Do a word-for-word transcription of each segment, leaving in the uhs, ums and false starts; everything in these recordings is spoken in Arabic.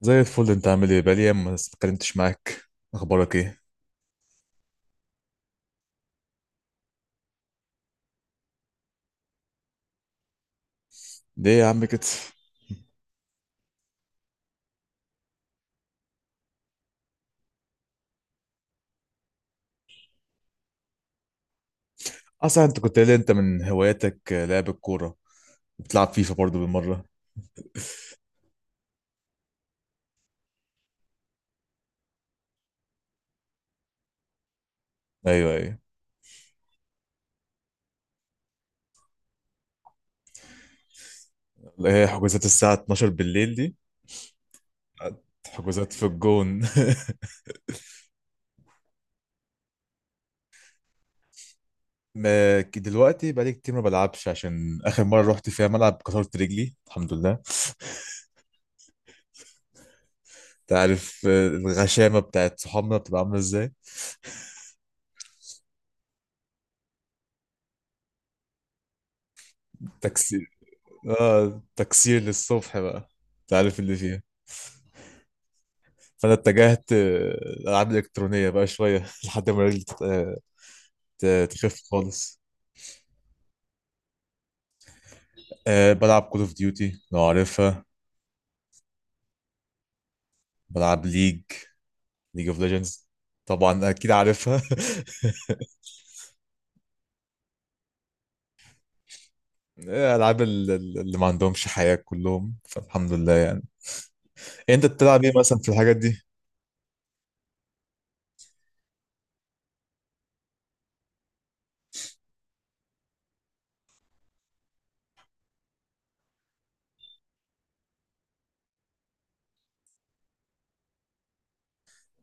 زي الفل، انت عامل ايه؟ بقالي ايام ما اتكلمتش معاك. اخبارك ايه؟ ليه يا عم كده؟ اصلا انت كنت قايل لي انت من هواياتك لعب الكوره. بتلعب فيفا برضو بالمره؟ ايوه، ايوه. اللي هي حجوزات الساعه اثناشر بالليل دي، حجوزات في الجون. ما ك- دلوقتي بقالي كتير ما بلعبش، عشان اخر مره رحت فيها ملعب كسرت رجلي الحمد لله. انت عارف آه، الغشامه بتاعت صحابنا بتبقى عامله ازاي. تكسير. اه، تكسير للصبح بقى. انت عارف اللي فيها. فانا اتجهت آه، الالعاب الالكترونيه بقى شويه لحد ما رجلي تت- آه، ت- تخف خالص. آه، بلعب كول اوف ديوتي لو عارفها. بلعب ليج ليج اوف ليجندز. طبعا اكيد عارفها. آه، العاب ال- ال- اللي ما عندهمش حياه كلهم، فالحمد لله يعني. انت بتلعب ايه مثلا في الحاجات دي؟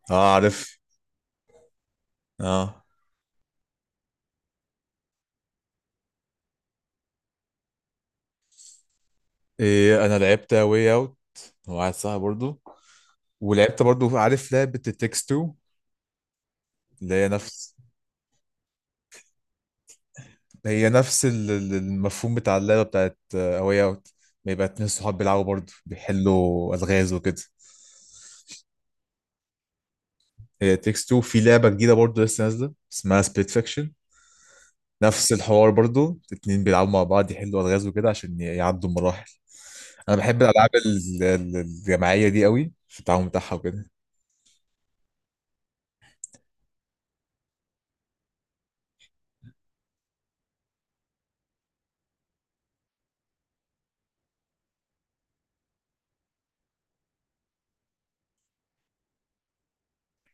اه، عارف. اه. إيه، انا لعبت واي اوت وواحد صاحبي برضو، ولعبت برضو عارف لعبه التكست اتنين، اللي هي نفس. هي نفس ال- ال- المفهوم بتاع اللعبة بتاعت أواي أوت. بيبقى اتنين صحاب بيلعبوا برضه، بيحلوا ألغاز وكده. هي تيكس اتنين في لعبة جديدة برضه لسه نازلة، اسمها سبيت فيكشن. نفس الحوار برضه، اتنين بيلعبوا مع بعض يحلوا ألغاز وكده عشان ي- يعدوا المراحل. أنا بحب الألعاب ال- ال- الجماعية دي قوي، في التعاون بتاعها وكده.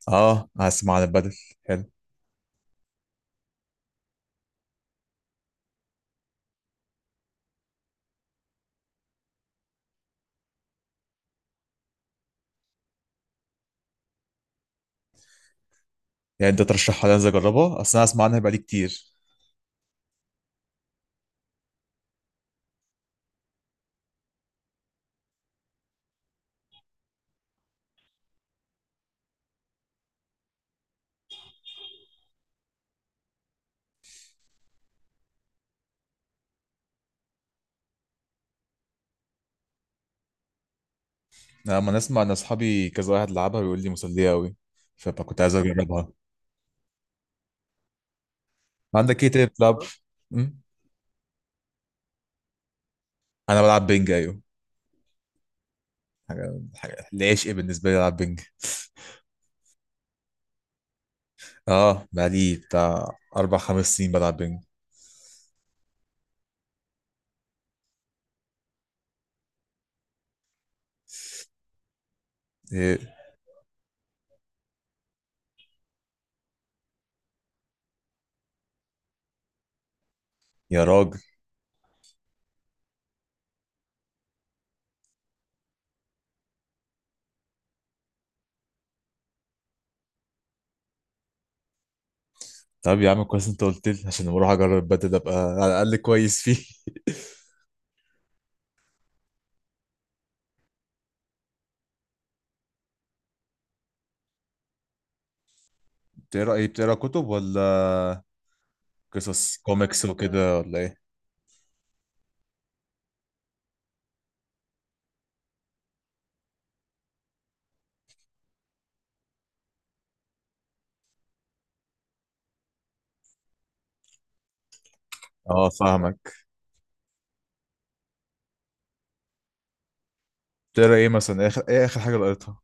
اه هسمع عن البدل، حلو. يعني انت ترشحها لي انزل اجربها؟ اصل انا اسمع عنها بقالي كتير. لما نسمع ان اصحابي كذا واحد لعبها بيقول لي مسليه قوي، فكنت عايز اجربها. عندك ايه تاني بتلعب؟ أمم؟ انا بلعب بينج، ايوه. حاجه حاجه العشق بالنسبه لي العب بينج. اه بقالي بتاع اربع خمس سنين بلعب بينج. إيه؟ يا راجل. طب يا عم، كويس انت قلت لي، عشان لما اروح اجرب بدل ابقى على الاقل كويس فيه. بتقرا ايه؟ بتقرا كتب ولا قصص كوميكس وكده ولا ايه؟ اه، فاهمك. بتقرا ايه مثلا؟ اخر ايه اخر حاجه قريتها؟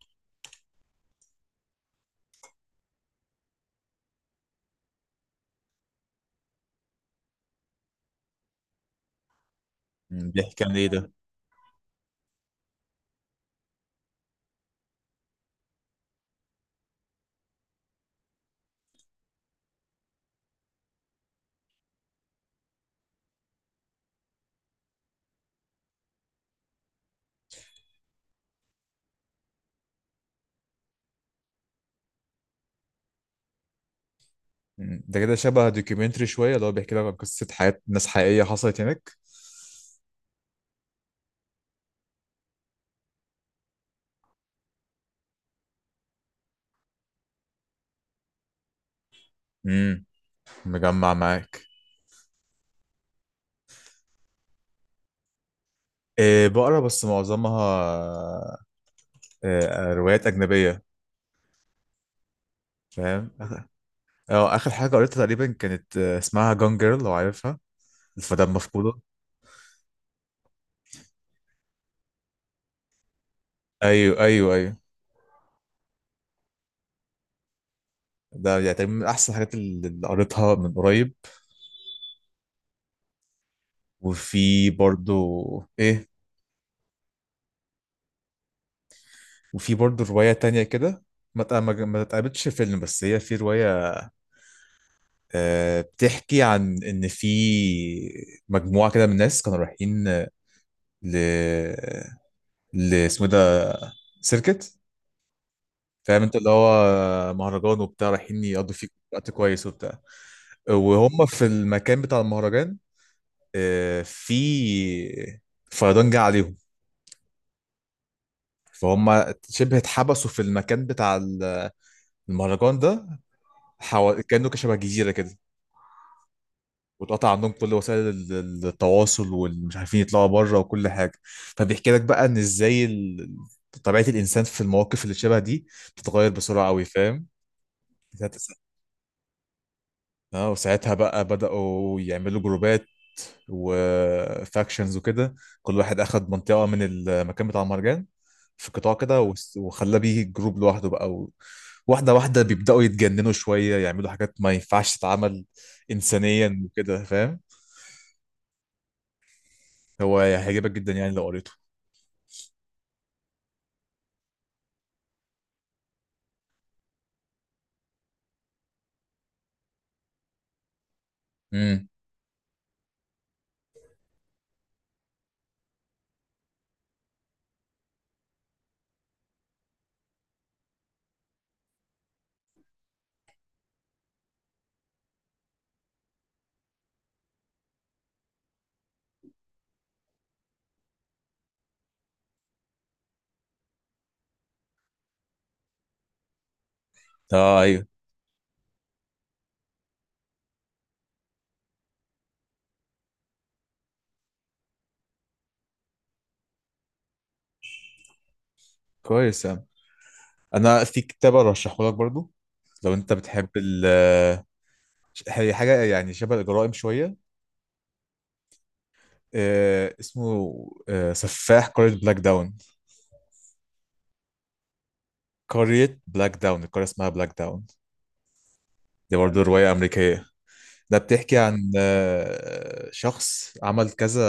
أمم، بيحكي عن ايه ده؟ مم. ده كده شبه دوكيومنتري شوية، اللي هو بيحكي لك عن قصة حياة ناس حقيقية حصلت هناك؟ امم. مجمع معاك. إيه، بقرا بس معظمها إيه، روايات أجنبية، فاهم؟ آخر- اه، آخر حاجة قريتها تقريبا كانت آه، اسمها جون جيرل لو عارفها، الفتاة مفقودة. ايوه، ايوه، ايوه. ده يعني تقريبا من احسن الحاجات اللي اللي قريتها من قريب. وفي برضو. ايه؟ وفي برضو رواية تانية كده ما تق- ما- ما اتقابلتش فيلم، بس هي في رواية. آه، بتحكي عن ان في مجموعه كده من الناس كانوا رايحين ل ل اسمه إيه ده، سيركت، فاهم انت؟ اللي هو مهرجان وبتاع، رايحين يقضوا فيه وقت كويس وبتاع. وهم في المكان بتاع المهرجان، آه، في فيضان جه عليهم. فهم شبه اتحبسوا في المكان بتاع المهرجان ده. حو... كانوا كشبه جزيره كده. واتقطع عندهم كل وسائل ال- ال- التواصل، والمش عارفين يطلعوا بره وكل حاجه. فبيحكي لك بقى ان ازاي ال- طبيعه الانسان في المواقف اللي شبه دي بتتغير بسرعه قوي، فاهم؟ ساعتها- اه، وساعتها بقى بداوا يعملوا جروبات وفاكشنز وكده. كل واحد اخد منطقه من المكان بتاع المهرجان، في قطاع كده، وس- وخلى بيه جروب لوحده بقى. و... واحده واحده بيبداوا يتجننوا شويه، يعملوا حاجات ما ينفعش تتعمل انسانيا وكده، فاهم؟ هو هيعجبك جدا يعني لو قريته. امم. اه. ايوه. كويس يا عم. انا في كتاب ارشحه لك برضو لو انت بتحب ال. هي حاجه يعني شبه الجرائم شويه. آه، اسمه آه، سفاح قريه بلاك داون. قريه بلاك داون، القريه اسمها بلاك داون. دي برضو روايه امريكيه. ده بتحكي عن آه، شخص عمل كذا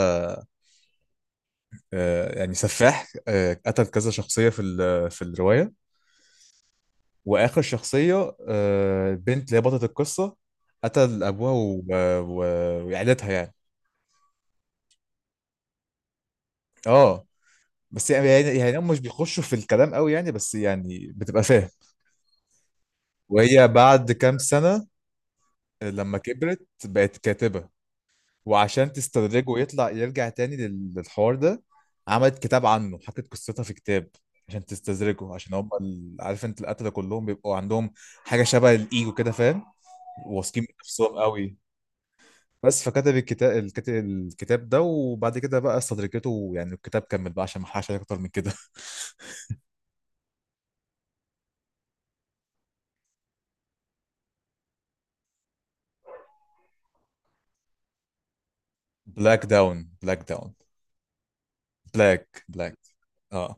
آه، يعني سفاح آه، قتل كذا شخصيه في ال- في الروايه. واخر شخصيه آه، البنت اللي هي بطله القصه، قتل ابوها و- و- وعيلتها يعني. اه. بس يعني يعني يعني هم مش بيخشوا في الكلام قوي يعني، بس يعني بتبقى فاهم. وهي بعد كام سنة لما كبرت بقت كاتبة، وعشان تستدرجه ويطلع يرجع تاني لل- للحوار ده، عملت كتاب عنه، حكت قصتها في كتاب عشان تستدرجه. عشان هم ال- عارف انت، القتلة كلهم بيبقوا عندهم حاجة شبه الإيجو كده، فاهم؟ واثقين من نفسهم قوي. بس فكتب الكتاب الكتاب الكتاب ده، وبعد كده بقى استدرجته، يعني الكتاب كمل بقى عشان ما احرقش عليك اكتر من كده. بلاك داون، بلاك داون. بلاك بلاك اه.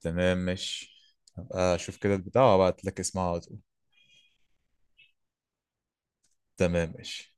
تمام ماشي. هبقى اشوف كده البتاع وابعت لك اسمها على طول. تمام ماشي.